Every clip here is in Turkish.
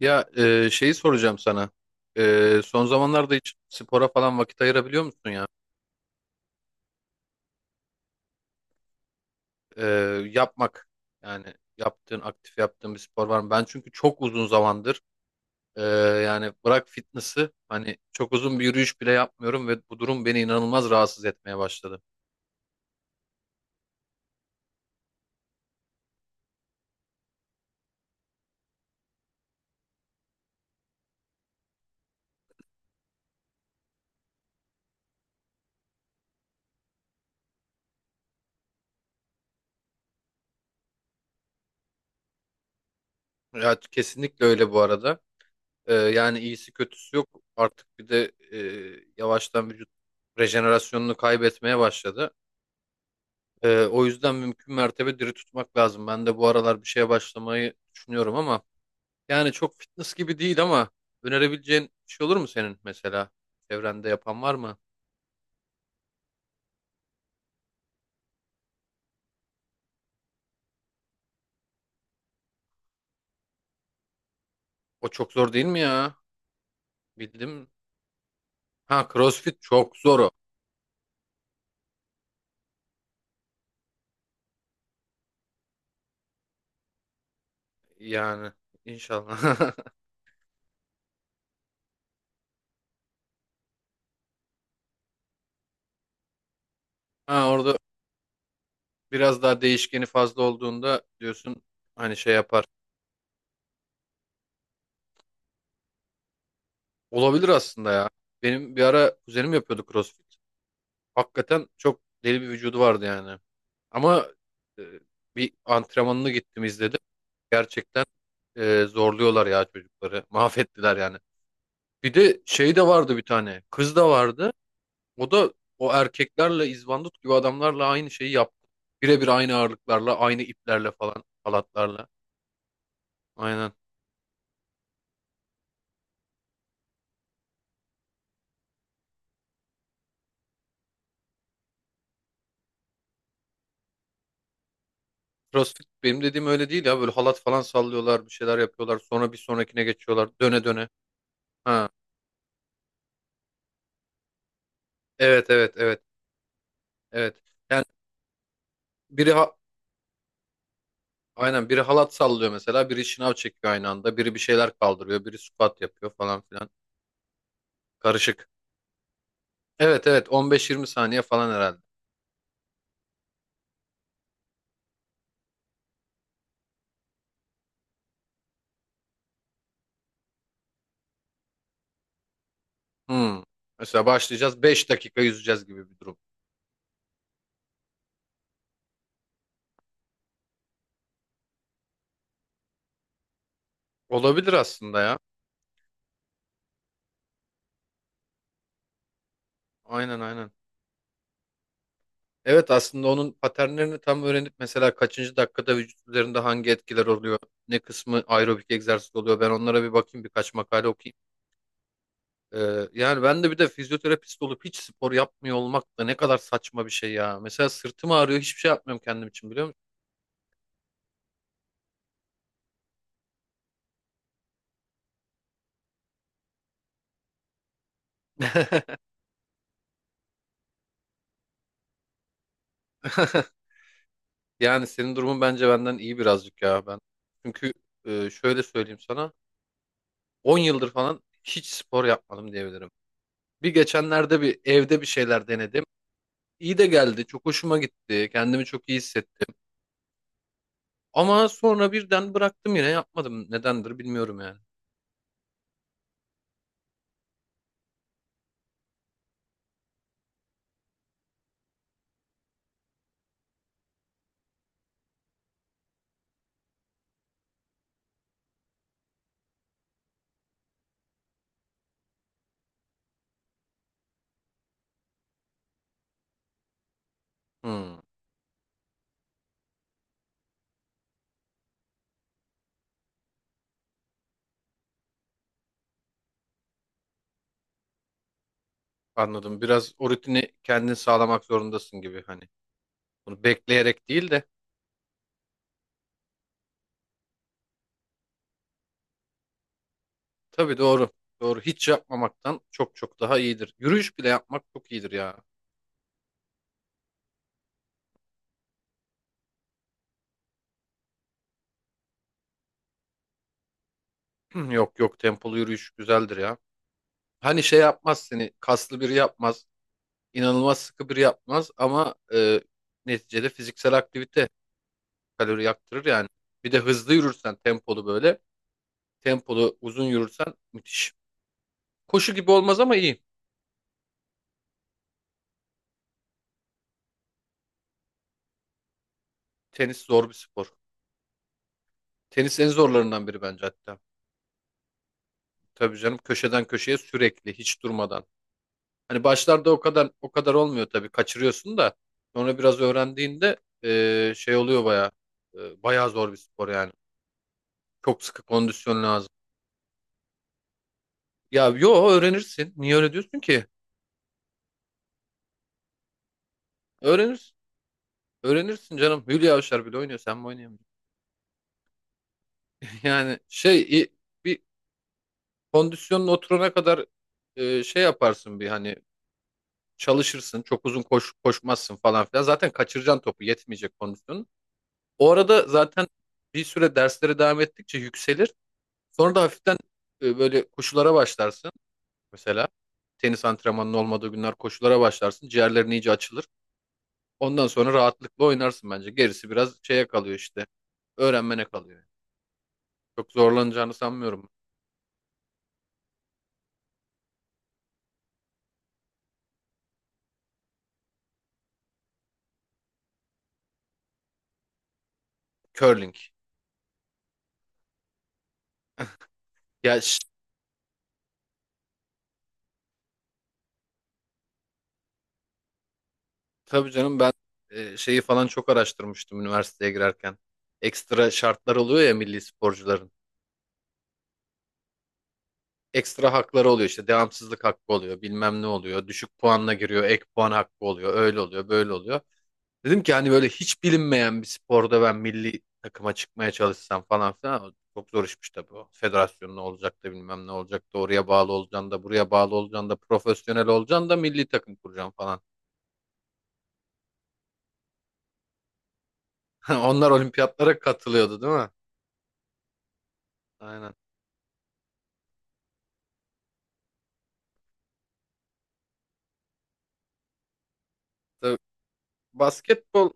Ya şeyi soracağım sana. Son zamanlarda hiç spora falan vakit ayırabiliyor musun ya? E, Yapmak. Yani yaptığın aktif yaptığın bir spor var mı? Ben çünkü çok uzun zamandır e, yani bırak fitness'ı, hani çok uzun bir yürüyüş bile yapmıyorum ve bu durum beni inanılmaz rahatsız etmeye başladı. Ya kesinlikle öyle bu arada. Yani iyisi kötüsü yok. Artık bir de yavaştan vücut rejenerasyonunu kaybetmeye başladı. O yüzden mümkün mertebe diri tutmak lazım. Ben de bu aralar bir şeye başlamayı düşünüyorum ama yani çok fitness gibi değil ama önerebileceğin bir şey olur mu senin mesela? Çevrende yapan var mı? O çok zor değil mi ya? Bildim. Ha, CrossFit çok zor o. Yani inşallah. Ha, orada biraz daha değişkeni fazla olduğunda diyorsun, hani şey yapar. Olabilir aslında ya. Benim bir ara kuzenim yapıyordu CrossFit. Hakikaten çok deli bir vücudu vardı yani. Ama e, bir antrenmanını gittim izledim. Gerçekten zorluyorlar ya çocukları. Mahvettiler yani. Bir de şey de vardı bir tane. Kız da vardı. O da o erkeklerle, izbandut gibi adamlarla aynı şeyi yaptı. Birebir aynı ağırlıklarla, aynı iplerle falan, halatlarla. Aynen. CrossFit benim dediğim öyle değil ya. Böyle halat falan sallıyorlar, bir şeyler yapıyorlar. Sonra bir sonrakine geçiyorlar. Döne döne. Ha. Evet, evet, evet, evet. Yani biri ha- Aynen, biri halat sallıyor mesela, biri şınav çekiyor aynı anda, biri bir şeyler kaldırıyor, biri squat yapıyor falan filan. Karışık. Evet, evet, 15-20 saniye falan herhalde. Hmm. Mesela başlayacağız, 5 dakika yüzeceğiz gibi bir durum. Olabilir aslında ya. Aynen, aynen. Evet, aslında onun paternlerini tam öğrenip mesela kaçıncı dakikada vücut üzerinde hangi etkiler oluyor, ne kısmı aerobik egzersiz oluyor, ben onlara bir bakayım, birkaç makale okuyayım. Yani ben de bir de fizyoterapist olup hiç spor yapmıyor olmak da ne kadar saçma bir şey ya. Mesela sırtım ağrıyor, hiçbir şey yapmıyorum kendim için, biliyor musun? Yani senin durumun bence benden iyi birazcık ya, ben çünkü şöyle söyleyeyim sana, 10 yıldır falan hiç spor yapmadım diyebilirim. Bir geçenlerde bir evde bir şeyler denedim. İyi de geldi, çok hoşuma gitti, kendimi çok iyi hissettim. Ama sonra birden bıraktım, yine yapmadım, nedendir bilmiyorum yani. Hmm, anladım, biraz o rutini kendin sağlamak zorundasın gibi hani. Bunu bekleyerek değil de, tabii, doğru. Doğru, hiç yapmamaktan çok çok daha iyidir. Yürüyüş bile yapmak çok iyidir ya. Yok yok, tempolu yürüyüş güzeldir ya. Hani şey yapmaz, seni kaslı biri yapmaz, inanılmaz sıkı biri yapmaz ama neticede fiziksel aktivite kalori yaktırır yani. Bir de hızlı yürürsen, tempolu böyle tempolu uzun yürürsen müthiş. Koşu gibi olmaz ama iyi. Tenis zor bir spor. Tenis en zorlarından biri bence hatta. Tabii canım, köşeden köşeye sürekli hiç durmadan. Hani başlarda o kadar o kadar olmuyor tabii, kaçırıyorsun da sonra biraz öğrendiğinde şey oluyor bayağı. Bayağı zor bir spor yani. Çok sıkı kondisyon lazım. Ya yo, öğrenirsin. Niye öyle diyorsun ki? Öğrenirsin. Öğrenirsin canım. Hülya Avşar bile oynuyor. Sen mi oynayamayacaksın? Yani şey i- Bir kondisyonun oturana kadar şey yaparsın bir, hani çalışırsın. Çok uzun koş, koşmazsın falan filan. Zaten kaçıracaksın topu. Yetmeyecek kondisyonun. O arada zaten bir süre derslere devam ettikçe yükselir. Sonra da hafiften böyle koşulara başlarsın mesela. Tenis antrenmanının olmadığı günler koşulara başlarsın. Ciğerlerin iyice açılır. Ondan sonra rahatlıkla oynarsın bence. Gerisi biraz şeye kalıyor işte. Öğrenmene kalıyor. Çok zorlanacağını sanmıyorum. Curling. Ya ş- tabii canım, ben şeyi falan çok araştırmıştım üniversiteye girerken. Ekstra şartlar oluyor ya milli sporcuların. Ekstra hakları oluyor işte, devamsızlık hakkı oluyor, bilmem ne oluyor, düşük puanla giriyor, ek puan hakkı oluyor, öyle oluyor, böyle oluyor. Dedim ki hani böyle hiç bilinmeyen bir sporda ben milli takıma çıkmaya çalışsam falan filan, çok zor işmiş tabii o. Federasyon ne olacak da, bilmem ne olacak da, oraya bağlı olacaksın da, buraya bağlı olacaksın da, profesyonel olacaksın da, milli takım kuracaksın falan. Onlar olimpiyatlara katılıyordu değil mi? Aynen. Tabii basketbol,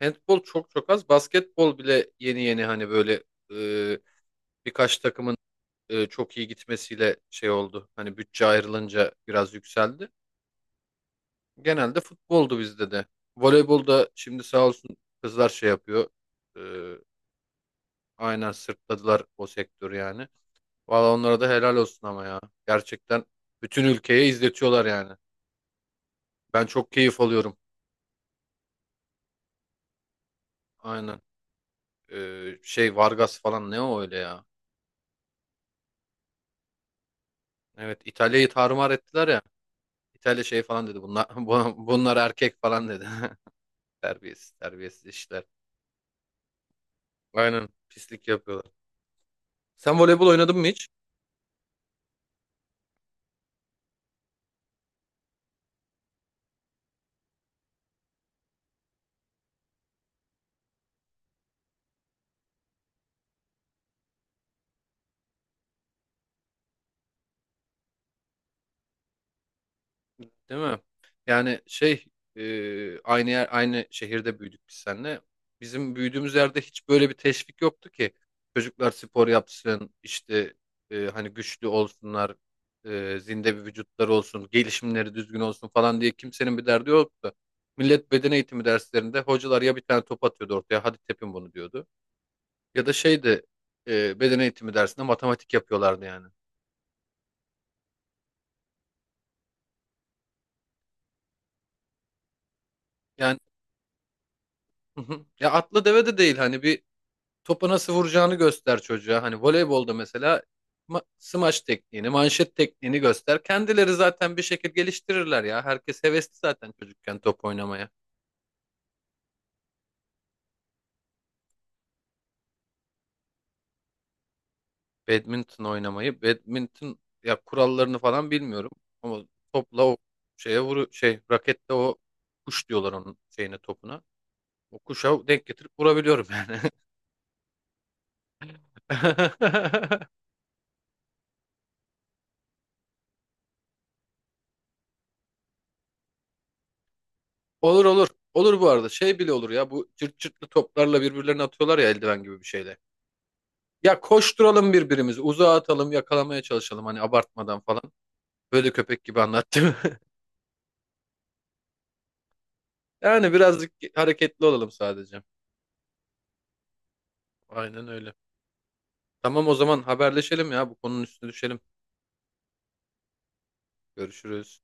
handbol çok çok az. Basketbol bile yeni yeni hani böyle e, birkaç takımın çok iyi gitmesiyle şey oldu. Hani bütçe ayrılınca biraz yükseldi. Genelde futboldu bizde de. Voleybolda şimdi sağ olsun kızlar şey yapıyor. Ee, aynen, sırtladılar o sektörü yani. Valla onlara da helal olsun ama ya. Gerçekten bütün ülkeye izletiyorlar yani. Ben çok keyif alıyorum. Aynen. Şey Vargas falan, ne o öyle ya. Evet, İtalya'yı tarumar ettiler ya. İtalya şey falan dedi. Bunlar, bunlar erkek falan dedi. Terbiyesiz terbiyesiz işler. Aynen, pislik yapıyorlar. Sen voleybol oynadın mı hiç? Değil mi? Yani şey, aynı yer, aynı şehirde büyüdük biz seninle. Bizim büyüdüğümüz yerde hiç böyle bir teşvik yoktu ki. Çocuklar spor yapsın işte, hani güçlü olsunlar, zinde bir vücutları olsun, gelişimleri düzgün olsun falan diye kimsenin bir derdi yoktu. Millet beden eğitimi derslerinde hocalar ya bir tane top atıyordu ortaya, hadi tepin bunu diyordu. Ya da şeydi, beden eğitimi dersinde matematik yapıyorlardı yani. Yani ya, atlı deve de değil, hani bir topa nasıl vuracağını göster çocuğa. Hani voleybolda mesela smaç tekniğini, manşet tekniğini göster. Kendileri zaten bir şekilde geliştirirler ya. Herkes hevesli zaten çocukken top oynamaya. Badminton oynamayı, badminton ya kurallarını falan bilmiyorum ama topla o şeye vuru, şey rakette, o kuş diyorlar onun şeyine, topuna. O kuşa denk getirip vurabiliyorum yani. Olur olur. Olur bu arada. Şey bile olur ya, bu cırt cırtlı toplarla birbirlerine atıyorlar ya, eldiven gibi bir şeyle. Ya koşturalım birbirimizi, uzağa atalım, yakalamaya çalışalım hani, abartmadan falan. Böyle köpek gibi anlattım. Yani birazcık hareketli olalım sadece. Aynen öyle. Tamam, o zaman haberleşelim ya, bu konunun üstüne düşelim. Görüşürüz.